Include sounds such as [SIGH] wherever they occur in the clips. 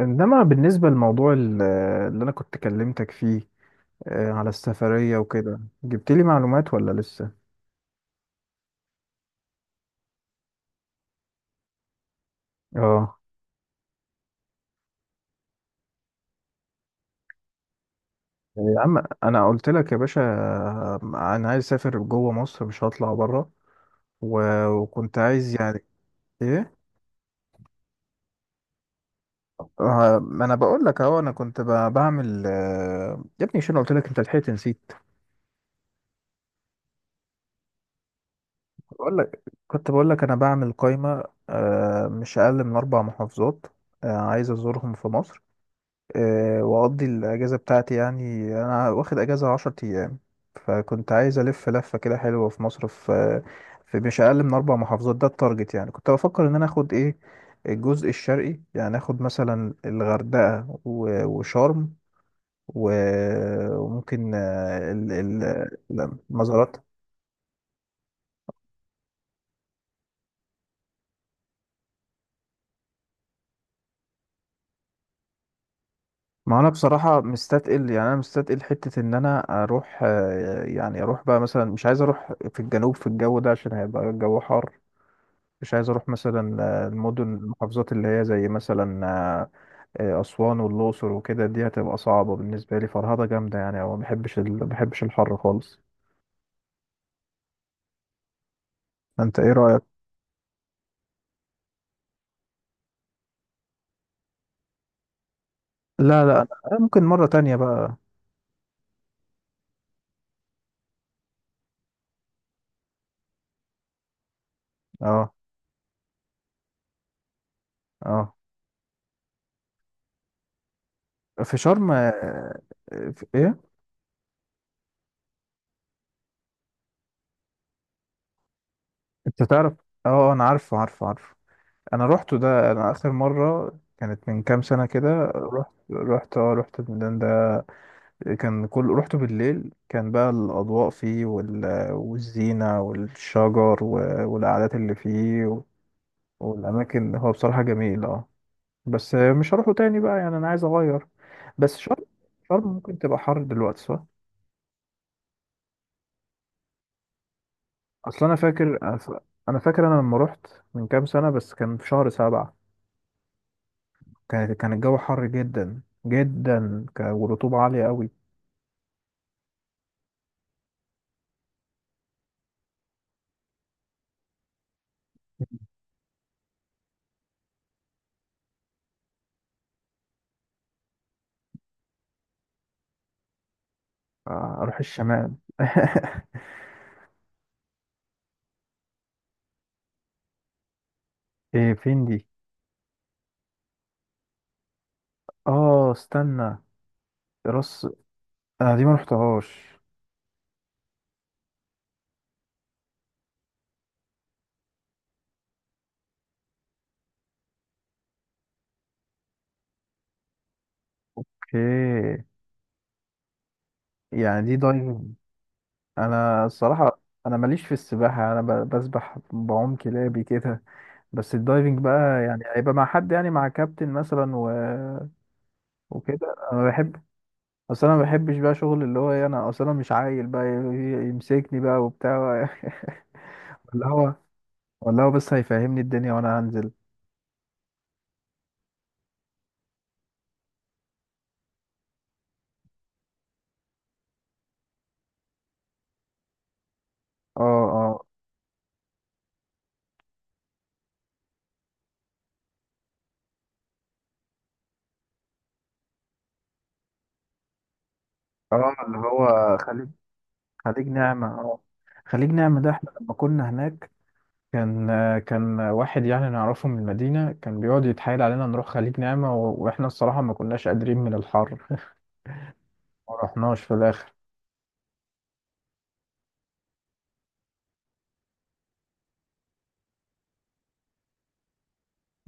انما بالنسبه لموضوع اللي انا كنت كلمتك فيه على السفريه وكده، جبت لي معلومات ولا لسه؟ اه، يا عم انا قلت لك يا باشا، انا عايز اسافر جوه مصر، مش هطلع بره. و- وكنت عايز يعني ايه. ما انا بقول لك اهو، انا كنت بعمل يا ابني شنو قلت لك، انت لحقت نسيت. بقول لك، كنت بقول لك انا بعمل قائمه، مش اقل من 4 محافظات عايز ازورهم في مصر، واقضي الاجازه بتاعتي. يعني انا واخد اجازه 10 ايام، فكنت عايز الف لفه كده حلوه في مصر، في مش اقل من اربع محافظات. ده التارجت. يعني كنت بفكر ان انا اخد ايه، الجزء الشرقي، يعني اخد مثلا الغردقه و- وشرم و- وممكن المزارات. ما انا بصراحه مستثقل، يعني انا مستثقل حته ان انا اروح يعني اروح بقى مثلا، مش عايز اروح في الجنوب في الجو ده عشان هيبقى الجو حار. مش عايز اروح مثلا المدن، المحافظات اللي هي زي مثلا اسوان والاقصر وكده، دي هتبقى صعبه بالنسبه لي، فرهضه جامده يعني، او ما بحبش ما بحبش الحر خالص. انت ايه رايك؟ لا لا، أنا ممكن مره تانية بقى. اه. اه، في شرم. في ايه؟ انت تعرف. اه انا عارفه عارفه. انا روحته ده، انا اخر مره كانت من كام سنه كده، رحت اه رحت الميدان ده. كان كل رحته بالليل، كان بقى الأضواء فيه والزينة والشجر و... والقعدات اللي فيه و... والأماكن. هو بصراحة جميل اه. بس مش هروحه تاني بقى، يعني أنا عايز أغير. بس شرم، شرم ممكن تبقى حر دلوقتي صح؟ أصل أنا فاكر، أنا فاكر أنا لما رحت من كام سنة، بس كان في شهر 7، كان كان الجو حر جدا جدا، والرطوبة عالية قوي. أروح الشمال [LAUGHS] إيه فين دي؟ آه استنى، راس. انا دي ما رحتهاش. اوكي. يعني دي دايفنج. انا الصراحه، انا ماليش في السباحه، انا بسبح بعوم كلابي كده، بس الدايفنج بقى يعني هيبقى مع حد، يعني مع كابتن مثلا و... وكده، انا بحب. اصل انا ما بحبش بقى شغل اللي هو إيه، انا اصل انا مش عايل بقى يمسكني بقى وبتاع [LAUGHS] ولا هو، ولا هو بس هيفهمني الدنيا وانا هنزل. اه اه، اه اللي هو خليج، خليج نعمة اه. خليج نعمة ده، احنا لما كنا هناك، كان كان واحد يعني نعرفه من المدينة، كان بيقعد يتحايل علينا نروح خليج نعمة، و- واحنا الصراحة ما كناش قادرين من الحر، ما رحناش في الآخر.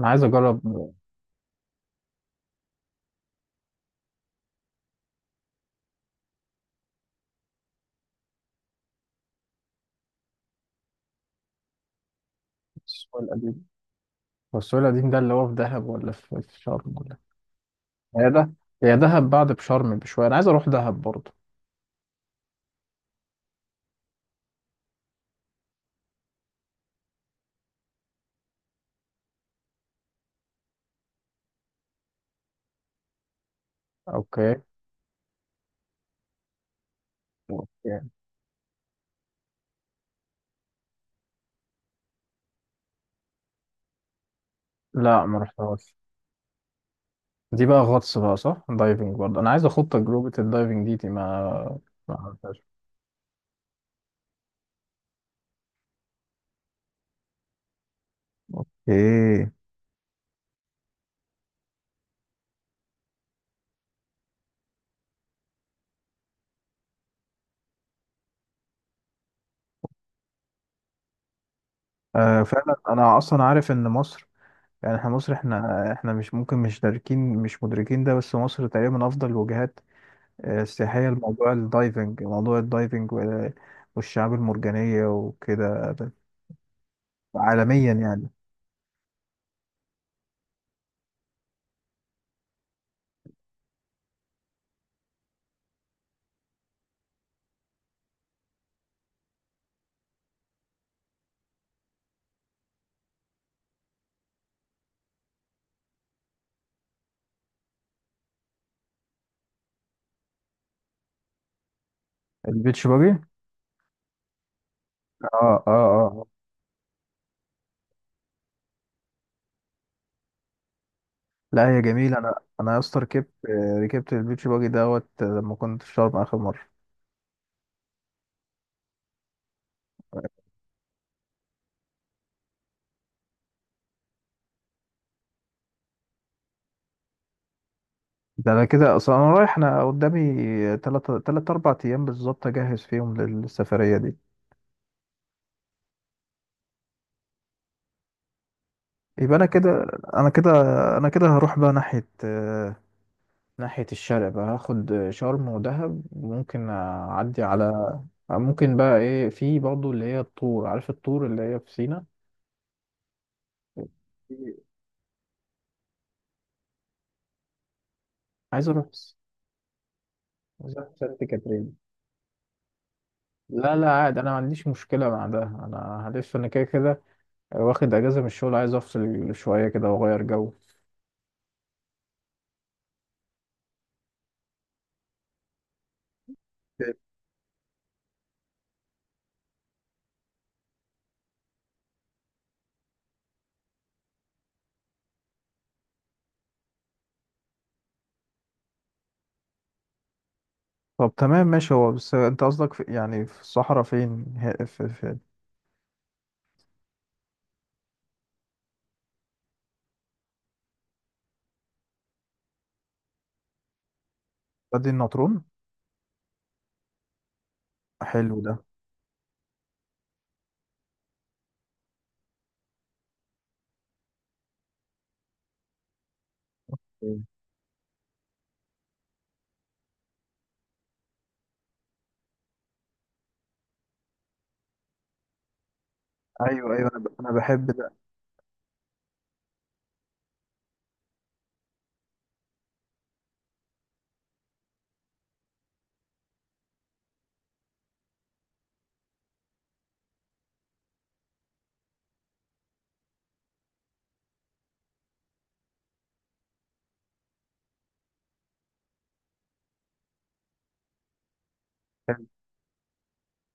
أنا عايز أجرب. السوق القديم، هو السوق القديم ده اللي هو في دهب ولا في في شرم ولا؟ هي ده، هي دهب بعد بشرم بشوية، أنا عايز أروح دهب برضه. أوكي. أوكي. لا ما رحتهاش. دي بقى غطس بقى صح، دايفنج برضه، أنا عايز أخد تجربة الدايفنج دي، دي ما، ما عملتهاش. إيه. آه فعلا أنا أصلا عارف إن مصر، يعني احنا مصر، احنا مش ممكن، مش مدركين ده، بس مصر تقريبا من افضل الوجهات السياحيه لموضوع الدايفنج، موضوع الدايفنج والشعاب المرجانيه وكده، ده عالميا يعني. البيتش باجي. اه اه اه، لا هي جميله. انا، انا يا اسطى ركبت ركبت البيتش باجي دوت لما كنت في شرم اخر مره. ده انا كده اصلا انا رايح، انا قدامي تلات اربع ايام بالظبط اجهز فيهم للسفريه دي. يبقى انا كده، انا كده انا كده هروح بقى ناحيه ناحية الشرق بقى، هاخد شرم ودهب وممكن أعدي على، ممكن بقى إيه، في برضه اللي هي الطور، عارف الطور اللي هي في سينا. عايز أروح عايز أروح سانت كاترين. لا لا عادي، أنا ما عنديش مشكلة مع ده، أنا هلف أنا كده كده واخد أجازة من الشغل، عايز أفصل شوية كده وأغير جو. طب تمام ماشي، هو بس انت قصدك في، يعني في الصحراء فين، في في وادي النطرون؟ حلو ده. ايوه ايوه، انا انا بحب ده.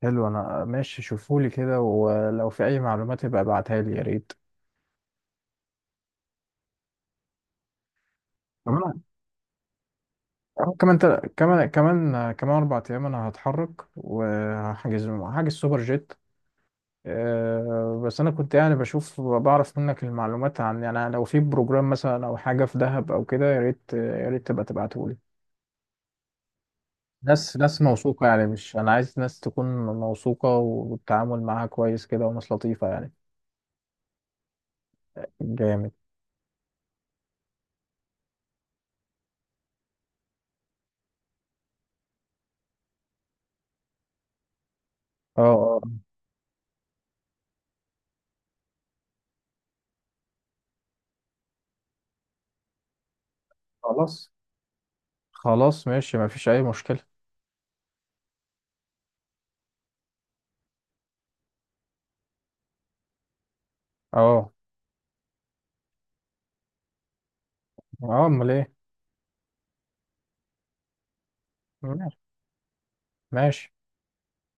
حلو، انا ماشي، شوفولي كده ولو في اي معلومات يبقى ابعتها لي يا ريت. كمان، كمان 4 ايام انا هتحرك، هحجز سوبر جيت. أه بس انا كنت يعني بشوف بعرف منك المعلومات، عن يعني لو في بروجرام مثلا او حاجه في دهب او كده، يا ريت، يا ريت تبقى تبعته لي. ناس موثوقه يعني، مش انا عايز ناس تكون موثوقه والتعامل معاها كويس كده، وناس لطيفه يعني. جامد. اه اه. خلاص، خلاص ماشي، مفيش اي مشكله. اه اه، امال ايه. ماشي. ماشي.